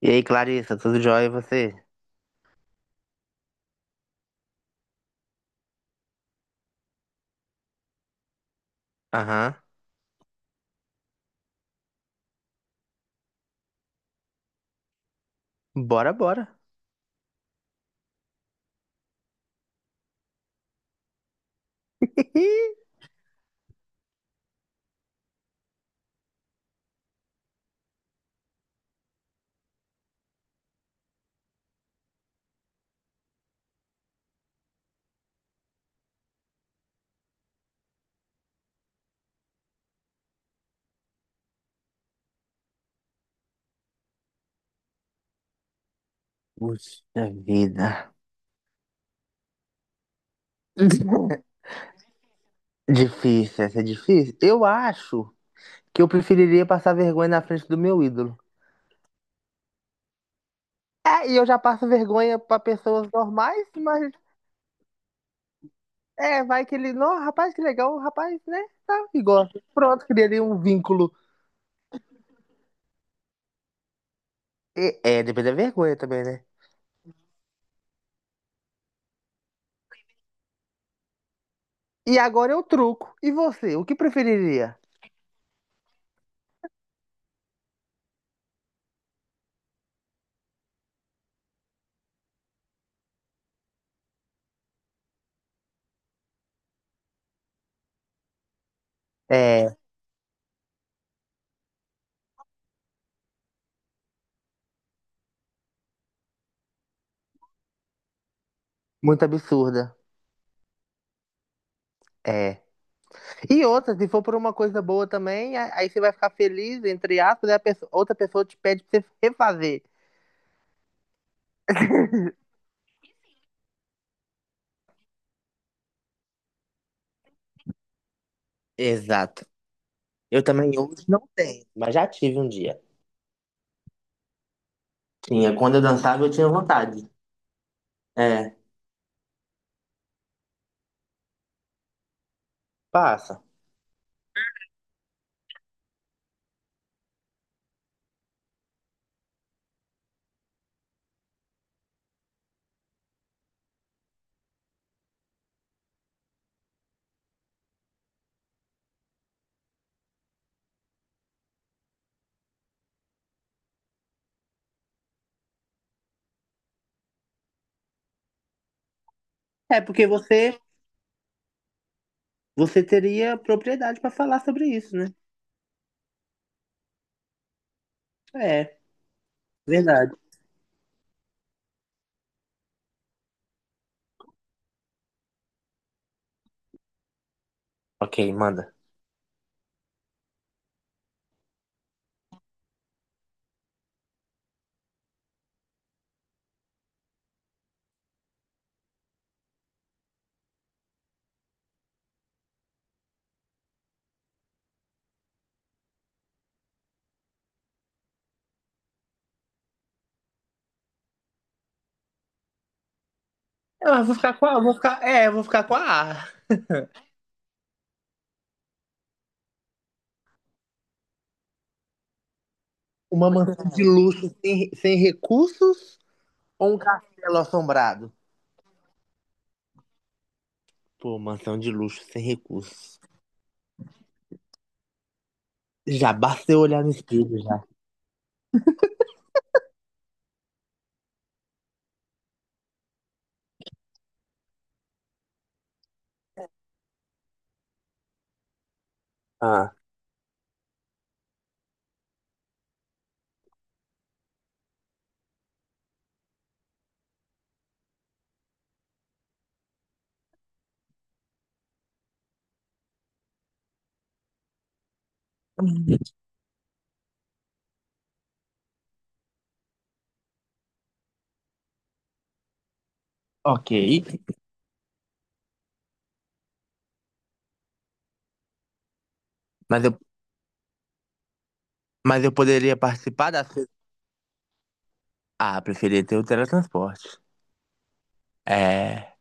E aí, Clarissa, tudo jóia e você? Aham. Bora, bora. Puxa vida. Difícil, essa é difícil. Eu acho que eu preferiria passar vergonha na frente do meu ídolo. É, e eu já passo vergonha pra pessoas normais, mas é, vai que ele, não, rapaz, que legal, rapaz, né? Tá, e gosta. Pronto, criaria um vínculo. Depende da vergonha também, né? E agora eu truco. E você, o que preferiria? É, muito absurda. É. E outra, se for por uma coisa boa também, aí você vai ficar feliz, entre aspas, e a outra pessoa te pede pra você refazer. Exato. Eu também hoje não tenho, mas já tive um dia. Tinha, quando eu dançava eu tinha vontade. É, passa. É, porque você teria propriedade pra falar sobre isso, né? É, verdade. Ok, manda. Eu vou ficar com a, vou ficar, é, eu vou ficar com a A. Uma mansão de luxo sem recursos ou um castelo assombrado? Pô, mansão de luxo sem recursos. Já basta eu olhar no espelho já. Ah, ok. Mas eu, mas eu poderia participar das coisas. Ah, preferia ter o teletransporte. É.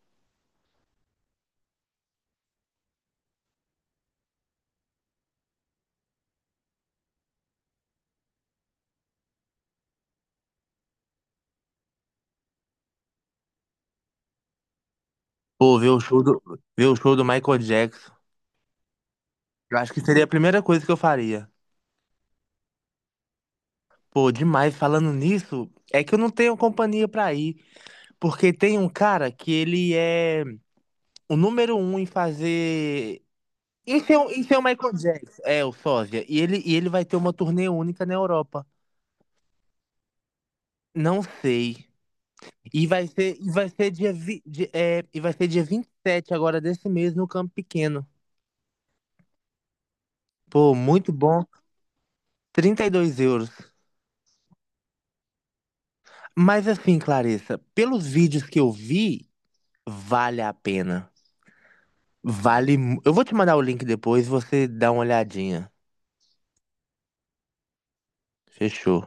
Pô, ver o show do Michael Jackson. Eu acho que seria a primeira coisa que eu faria. Pô, demais. Falando nisso, é que eu não tenho companhia pra ir. Porque tem um cara que ele é o número um em fazer. Isso é o Michael Jackson. É, o sósia. E ele vai ter uma turnê única na Europa. Não sei. E vai ser dia, vi, di- é, e vai ser dia 27 agora desse mês no Campo Pequeno. Pô, muito bom. 32 euros. Mas assim, Clarissa, pelos vídeos que eu vi, vale a pena. Vale. Eu vou te mandar o link depois, você dá uma olhadinha. Fechou.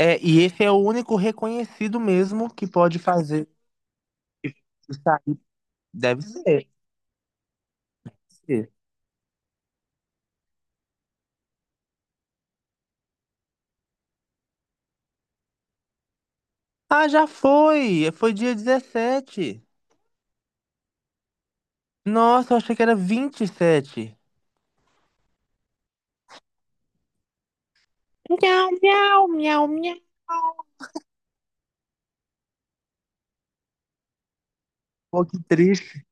É, e esse é o único reconhecido mesmo que pode fazer isso aí. Deve ser. Ah, já foi! Foi dia 17. Nossa, eu achei que era 27. Miau, miau, miau, miau. Pô, que triste.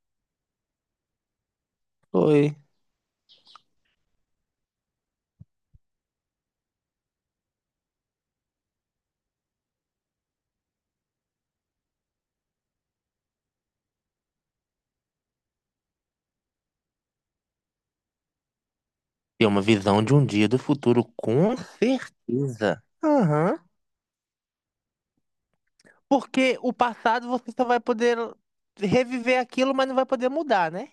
Foi. Tem uma visão de um dia do futuro, com certeza. Aham. Porque o passado você só vai poder reviver aquilo, mas não vai poder mudar, né?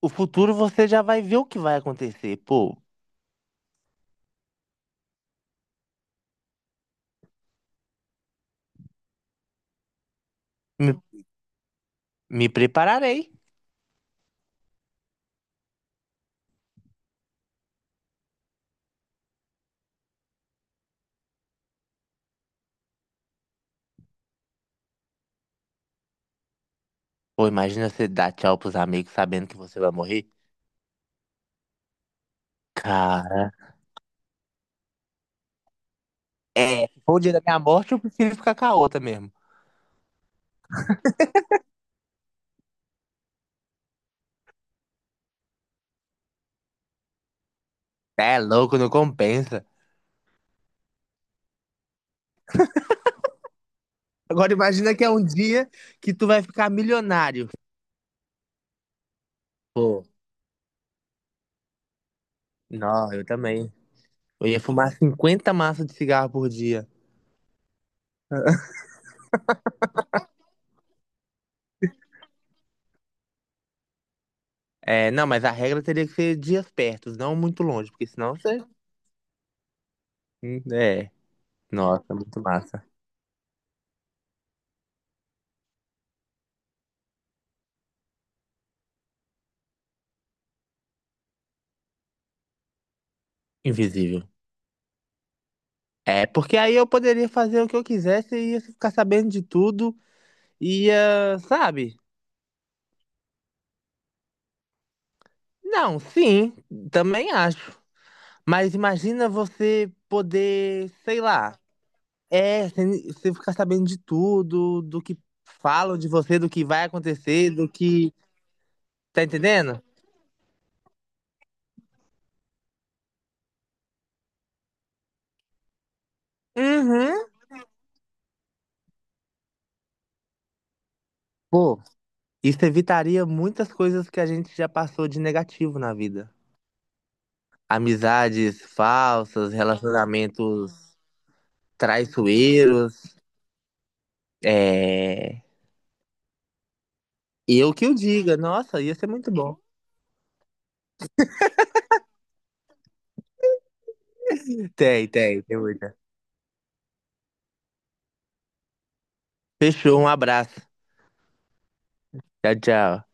O futuro você já vai ver o que vai acontecer. Pô, me, me prepararei. Pô, imagina você dar tchau pros amigos sabendo que você vai morrer. Cara, é, se o dia da minha morte, eu prefiro ficar com a outra mesmo. É louco, não compensa. Agora imagina que é um dia que tu vai ficar milionário. Pô, não, eu também. Eu ia fumar 50 massas de cigarro por dia. É, não, mas a regra teria que ser dias perto, não muito longe, porque senão você. É, nossa, muito massa. Invisível. É, porque aí eu poderia fazer o que eu quisesse e ia ficar sabendo de tudo, ia, sabe? Não, sim, também acho. Mas imagina você poder, sei lá, é, você fica sabendo de tudo, do que falam de você, do que vai acontecer, do que. Tá entendendo? Uhum. Pô, isso evitaria muitas coisas que a gente já passou de negativo na vida. Amizades falsas, relacionamentos traiçoeiros. É. Eu que eu diga, nossa, ia ser muito bom. Tem, tem, tem muita. Fechou, um abraço. Tchau, tchau.